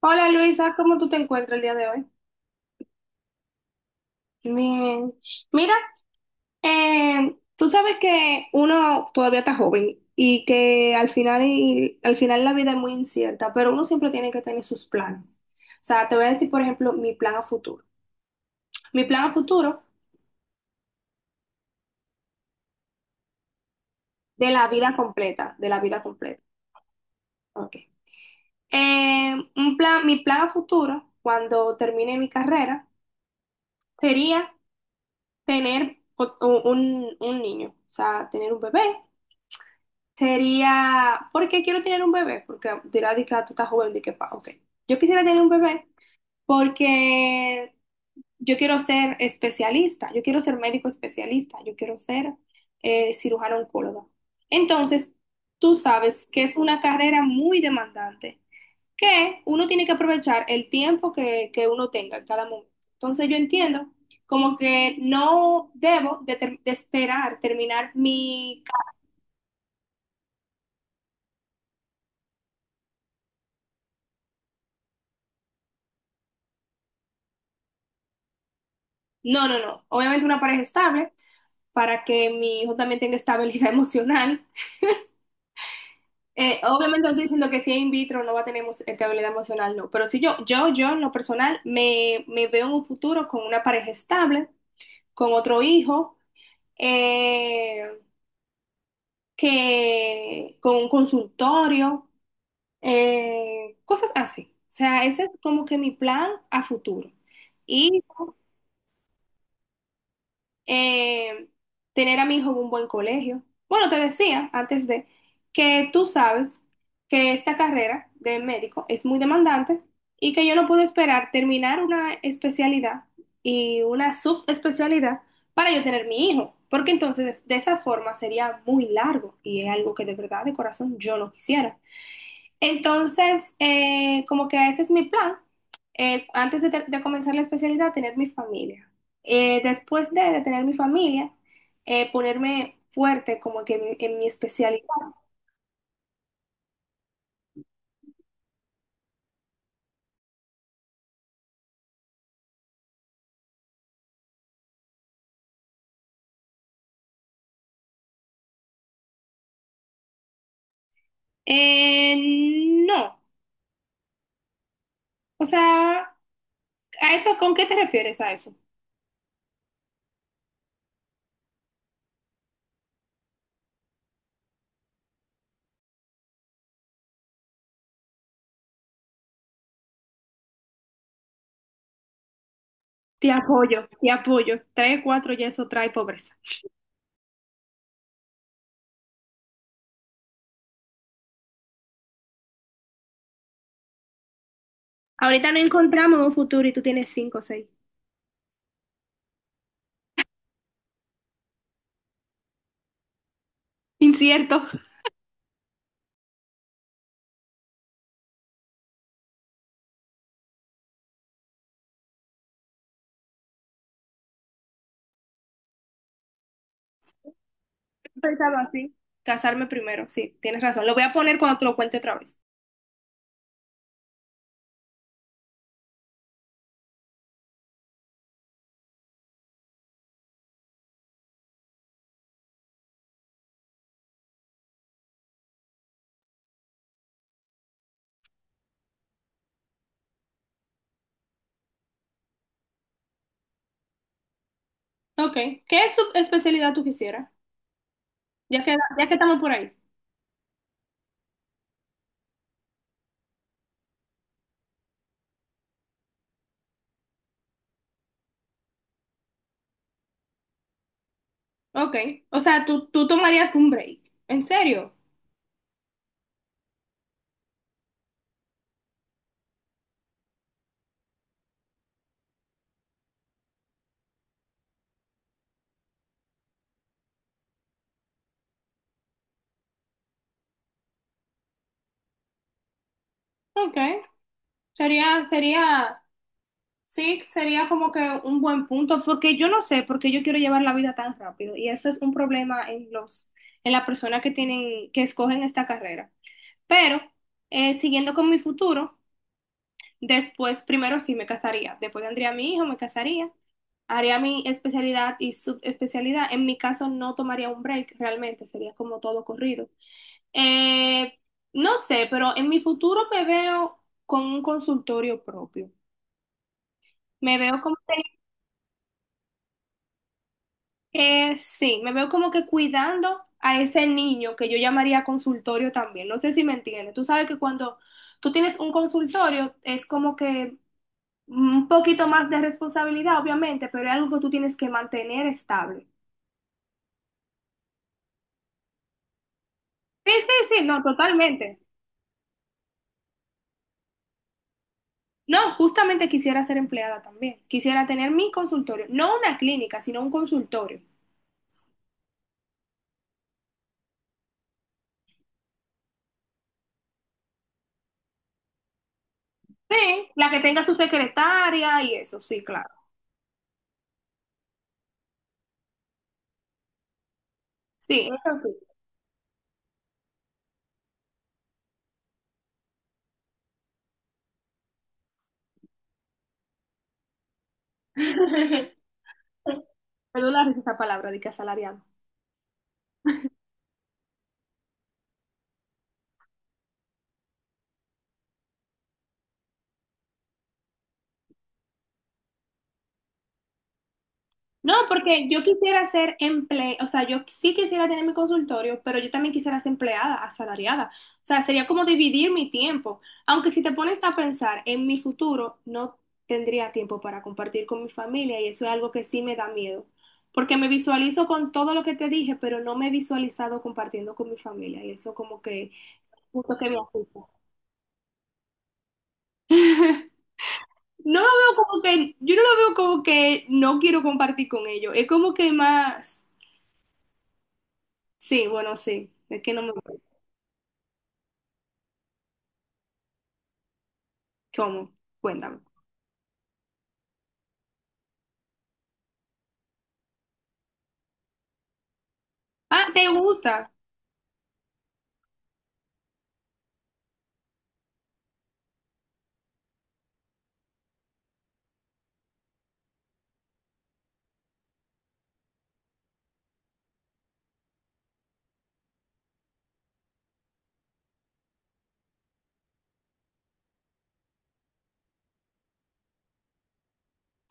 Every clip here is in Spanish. Hola Luisa, ¿cómo tú te encuentras el día de hoy? Bien. Mira, tú sabes que uno todavía está joven y que al final, al final la vida es muy incierta, pero uno siempre tiene que tener sus planes. O sea, te voy a decir, por ejemplo, mi plan a futuro. Mi plan a futuro de la vida completa, de la vida completa. Ok. Un plan, mi plan a futuro, cuando termine mi carrera, sería tener un, niño, o sea, tener un bebé. ¿Sería, porque quiero tener un bebé? Porque dirá, di que ah, tú estás joven, di que pa, ok. Yo quisiera tener un bebé porque yo quiero ser especialista, yo quiero ser médico especialista, yo quiero ser cirujano oncólogo. Entonces, tú sabes que es una carrera muy demandante, que uno tiene que aprovechar el tiempo que uno tenga en cada momento. Entonces, yo entiendo como que no debo de, de esperar terminar mi... ca- No, no, no. Obviamente una pareja estable, para que mi hijo también tenga estabilidad emocional. Obviamente no estoy diciendo que si es in vitro no va a tener estabilidad emocional, no, pero si yo en lo personal me veo en un futuro con una pareja estable, con otro hijo, eh, que con un consultorio, cosas así. O sea, ese es como que mi plan a futuro. Y eh, tener a mi hijo en un buen colegio. Bueno, te decía antes de que tú sabes que esta carrera de médico es muy demandante y que yo no puedo esperar terminar una especialidad y una subespecialidad para yo tener mi hijo, porque entonces de esa forma sería muy largo y es algo que de verdad, de corazón, yo no quisiera. Entonces, como que ese es mi plan. Antes de, de comenzar la especialidad, tener mi familia. Después de tener mi familia, ponerme fuerte como que en mi especialidad. Eh, no, o sea, ¿a eso con qué te refieres a eso? Te apoyo, te apoyo. Trae cuatro y eso trae pobreza. Ahorita no encontramos un futuro y tú tienes cinco o seis. Incierto. Pensaba así. Casarme primero, sí, tienes razón. Lo voy a poner cuando te lo cuente otra vez. Ok. ¿Qué subespecialidad tú quisieras? Ya que estamos por ahí. Ok. O sea, tú tomarías un break. ¿En serio? Ok. Sería, sería, sí, sería como que un buen punto, porque yo no sé porque yo quiero llevar la vida tan rápido. Y eso es un problema en los, en las personas que tienen, que escogen esta carrera. Pero, siguiendo con mi futuro. Después, primero sí me casaría, después tendría a mi hijo, me casaría, haría mi especialidad y subespecialidad. En mi caso no tomaría un break, realmente sería como todo corrido. Eh, no sé, pero en mi futuro me veo con un consultorio propio. Me veo como que, sí, me veo como que cuidando a ese niño que yo llamaría consultorio también. No sé si me entiendes. Tú sabes que cuando tú tienes un consultorio es como que un poquito más de responsabilidad, obviamente, pero es algo que tú tienes que mantener estable. Sí, sí, sí, no, totalmente. No, justamente quisiera ser empleada también. Quisiera tener mi consultorio, no una clínica, sino un consultorio. Sí, la que tenga su secretaria y eso, sí, claro. Sí, eso sí. Perdón la risa esa palabra de que asalariado. No, porque yo quisiera ser emple, o sea, yo sí quisiera tener mi consultorio, pero yo también quisiera ser empleada, asalariada. O sea, sería como dividir mi tiempo. Aunque si te pones a pensar en mi futuro, no tendría tiempo para compartir con mi familia y eso es algo que sí me da miedo. Porque me visualizo con todo lo que te dije, pero no me he visualizado compartiendo con mi familia y eso como que, justo que me asusta. No lo veo como que, yo no lo veo como que no quiero compartir con ellos. Es como que más, sí, bueno, sí, es que no me... ¿Cómo? Cuéntame. Ah, ¿te gusta?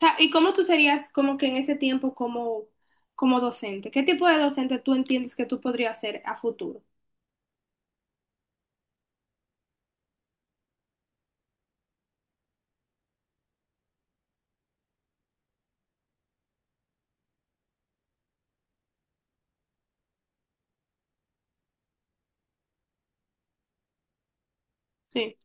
O sea, ¿y cómo tú serías como que en ese tiempo como, como docente? ¿Qué tipo de docente tú entiendes que tú podrías ser a futuro? Sí.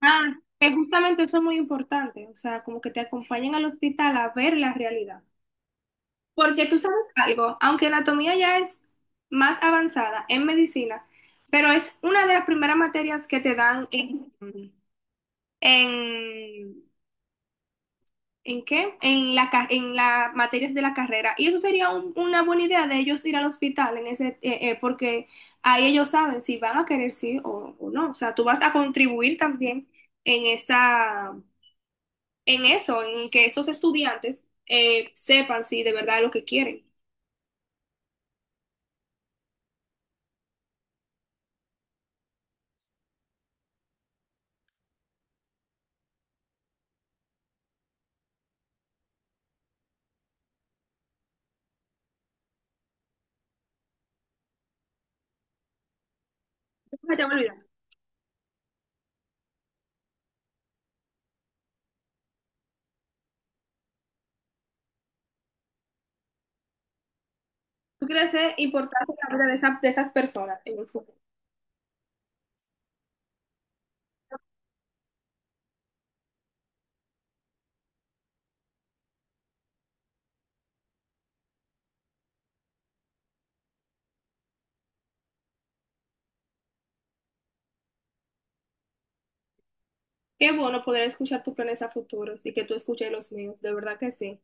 Ah, que justamente eso es muy importante, o sea, como que te acompañen al hospital a ver la realidad. Porque tú sabes algo, aunque anatomía ya es más avanzada en medicina, pero es una de las primeras materias que te dan en ¿En qué? En la, en las materias de la carrera. Y eso sería una buena idea de ellos ir al hospital en ese, porque ahí ellos saben si van a querer sí o no. O sea, tú vas a contribuir también en esa, en eso, en que esos estudiantes sepan si de verdad es lo que quieren. Nunca te voy a olvidar. Tú quieres ser importante en la vida de, de esas personas en el futuro. Qué bueno poder escuchar tus planes a futuros y que tú escuches los míos. De verdad que sí.